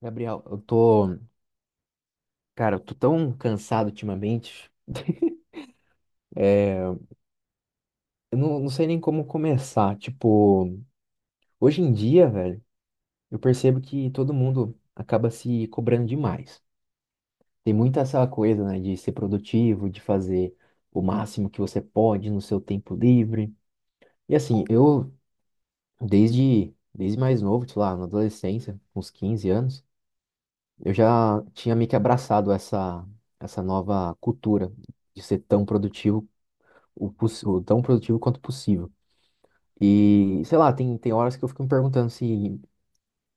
Gabriel, cara, eu tô tão cansado ultimamente. É, eu não sei nem como começar. Tipo, hoje em dia, velho, eu percebo que todo mundo acaba se cobrando demais. Tem muita essa coisa, né, de ser produtivo, de fazer o máximo que você pode no seu tempo livre. E assim, eu, desde mais novo, sei lá, na adolescência, com uns 15 anos, eu já tinha meio que abraçado essa nova cultura de ser tão produtivo o, poss- o tão produtivo quanto possível. E, sei lá, tem horas que eu fico me perguntando se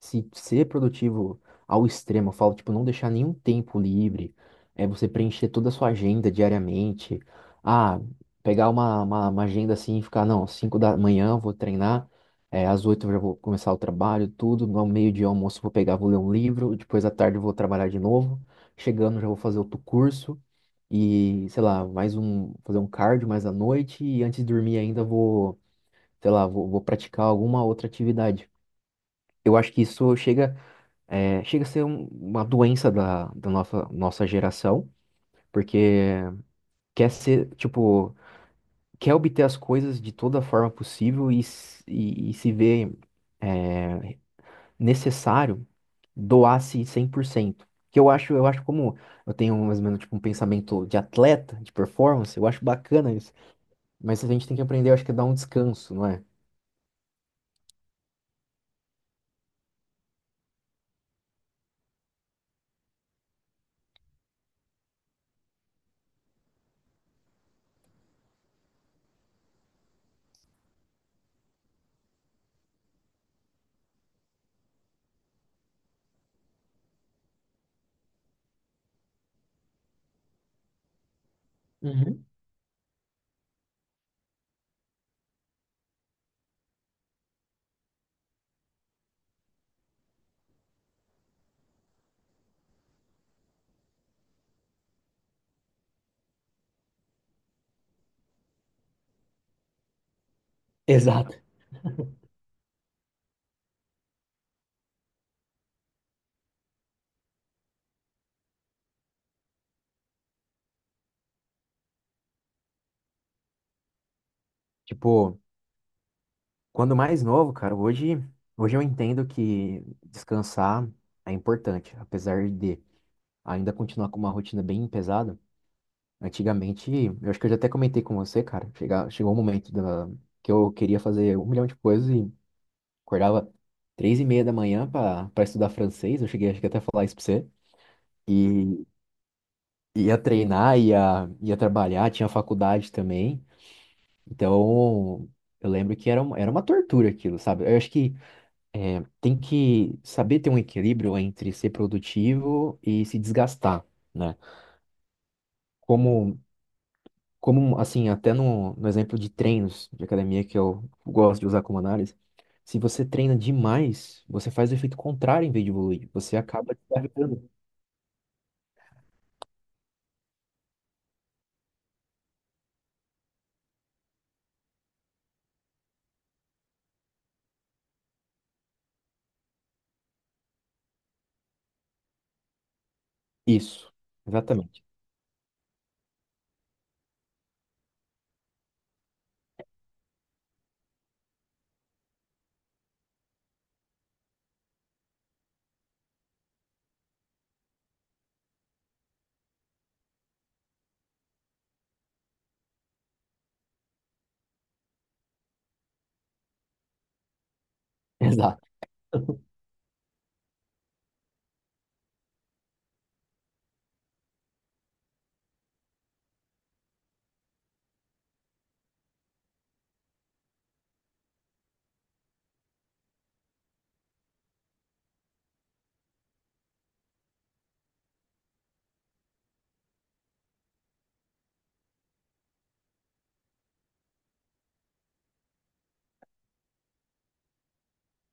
se ser produtivo ao extremo, eu falo, tipo, não deixar nenhum tempo livre, é você preencher toda a sua agenda diariamente. Ah, pegar uma agenda assim e ficar, não, às 5 da manhã eu vou treinar, é, às 8 eu já vou começar o trabalho, tudo, no meio-dia eu almoço eu vou pegar, vou ler um livro, depois à tarde eu vou trabalhar de novo, chegando já vou fazer outro curso. E, sei lá, mais um, fazer um cardio mais à noite e antes de dormir ainda vou, sei lá, vou praticar alguma outra atividade. Eu acho que isso chega chega a ser uma doença da nossa, nossa geração, porque quer ser, tipo, quer obter as coisas de toda forma possível e, e se vê é, necessário doar-se 100%. Que eu acho, eu acho, como eu tenho mais ou menos tipo, um pensamento de atleta, de performance, eu acho bacana isso. Mas a gente tem que aprender, eu acho que é dar um descanso, não é? Uhum. Exato. Tipo, quando mais novo, cara, hoje eu entendo que descansar é importante, apesar de ainda continuar com uma rotina bem pesada. Antigamente, eu acho que eu já até comentei com você, cara, chegou um momento que eu queria fazer um milhão de coisas e acordava 3:30 da manhã para estudar francês. Eu cheguei, acho que até a falar isso pra você. E ia treinar, ia trabalhar, tinha faculdade também. Então, eu lembro que era uma tortura aquilo, sabe? Eu acho que tem que saber ter um equilíbrio entre ser produtivo e se desgastar, né? Como, como assim, até no exemplo de treinos de academia que eu gosto de usar como análise, se você treina demais, você faz o efeito contrário em vez de evoluir, você acaba desgastando. Isso, exatamente. Exato.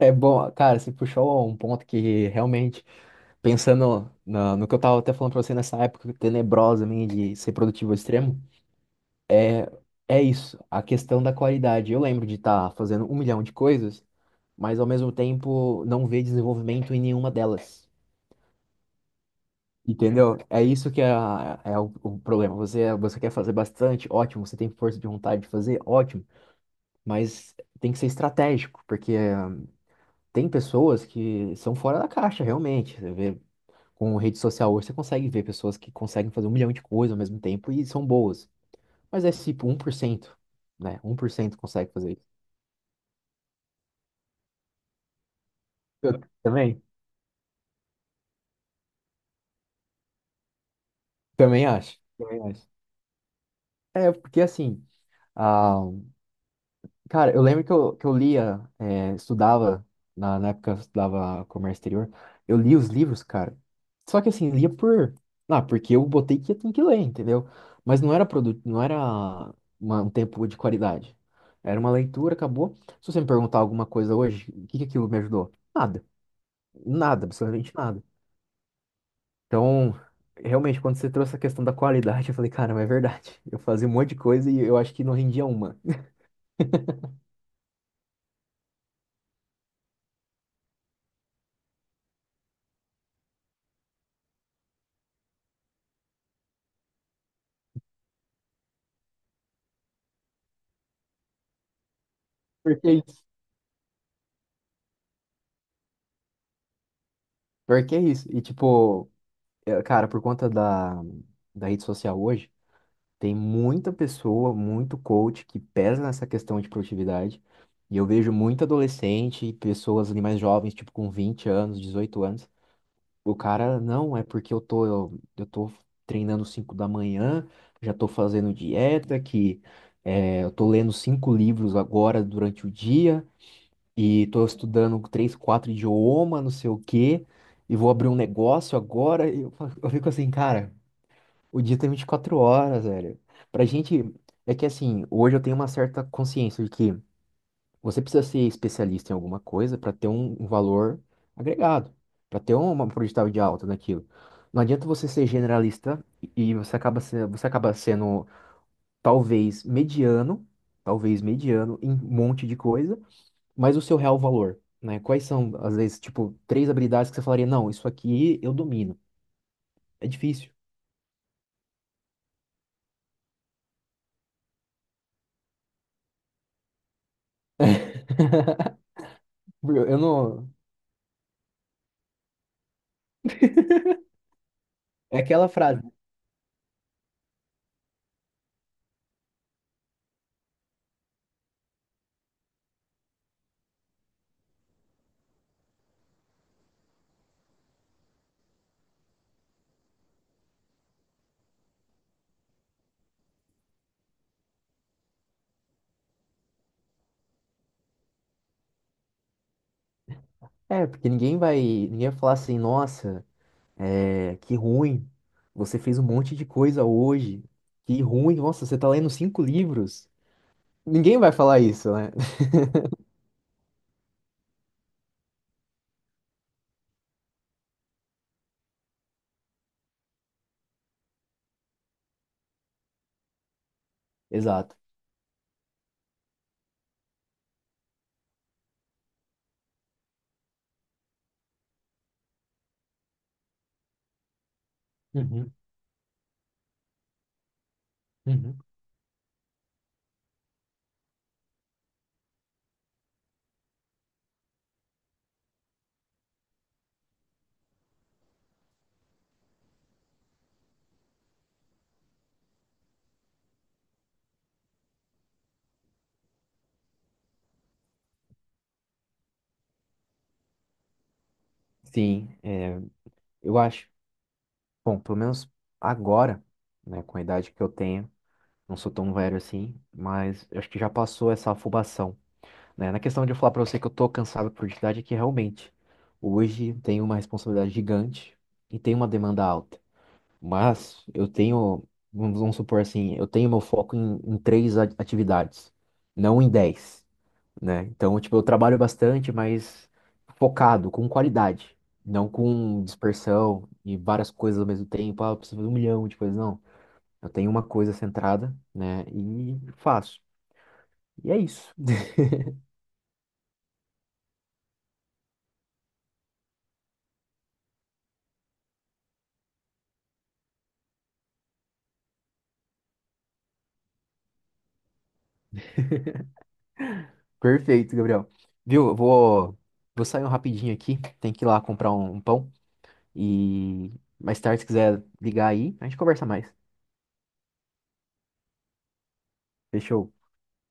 É bom, cara, você puxou um ponto que realmente, pensando no que eu tava até falando pra você nessa época tenebrosa minha de ser produtivo ao extremo, é, é isso, a questão da qualidade. Eu lembro de estar fazendo um milhão de coisas, mas ao mesmo tempo não ver desenvolvimento em nenhuma delas. Entendeu? É isso que é, é o problema. Você quer fazer bastante, ótimo. Você tem força de vontade de fazer, ótimo. Mas tem que ser estratégico, porque tem pessoas que são fora da caixa, realmente. Você vê, com rede social hoje, você consegue ver pessoas que conseguem fazer um milhão de coisas ao mesmo tempo e são boas. Mas é tipo 1%, né? 1% consegue fazer. Eu também, também acho, também acho. É, porque assim, ah, cara, eu lembro que que eu lia, é, estudava, na época eu estudava comércio exterior, eu li os livros, cara. Só que assim, lia por, ah, porque eu botei que eu tenho que ler, entendeu? Mas não era produto, não era um tempo de qualidade. Era uma leitura, acabou. Se você me perguntar alguma coisa hoje, o que que aquilo me ajudou? Nada, nada, absolutamente nada. Então, realmente, quando você trouxe a questão da qualidade, eu falei, caramba, é verdade. Eu fazia um monte de coisa e eu acho que não rendia uma. Porque é isso. Porque é isso. E, tipo, é, cara, por conta da rede social hoje, tem muita pessoa, muito coach que pesa nessa questão de produtividade. E eu vejo muito adolescente e pessoas ali mais jovens, tipo, com 20 anos, 18 anos. O cara, não, é porque eu tô treinando 5 da manhã, já tô fazendo dieta, que é, eu tô lendo 5 livros agora durante o dia, e tô estudando três, quatro idiomas, não sei o quê, e vou abrir um negócio agora. E, eu fico assim, cara, o dia tem 24 horas, velho. Pra gente, é que assim, hoje eu tenho uma certa consciência de que. Você precisa ser especialista em alguma coisa para ter um valor agregado, para ter uma porcentagem de alta naquilo. Não adianta você ser generalista e você acaba, se- você acaba sendo talvez mediano, talvez mediano em um monte de coisa, mas o seu real valor, né? Quais são, às vezes, tipo, três habilidades que você falaria, não, isso aqui eu domino. É difícil. Eu não. É aquela frase, né? É, porque ninguém vai falar assim, nossa. É, que ruim. Você fez um monte de coisa hoje. Que ruim. Nossa, você tá lendo 5 livros. Ninguém vai falar isso, né? Exato. Uhum, uhum. Sim, é, eu acho. Bom, pelo menos agora, né, com a idade que eu tenho, não sou tão velho assim, mas eu acho que já passou essa afobação, né? Na questão de eu falar pra você que eu tô cansado por idade, é que realmente hoje tenho uma responsabilidade gigante e tem uma demanda alta. Mas eu tenho, vamos supor assim, eu tenho meu foco em três atividades, não em 10, né? Então, tipo, eu trabalho bastante, mas focado, com qualidade, não com dispersão e várias coisas ao mesmo tempo. Ah, eu preciso fazer um milhão de coisas, não. Eu tenho uma coisa centrada, né? E faço. E é isso. Perfeito, Gabriel. Viu? Vou sair um rapidinho aqui, tem que ir lá comprar um pão e mais tarde, se quiser ligar aí, a gente conversa mais. Fechou.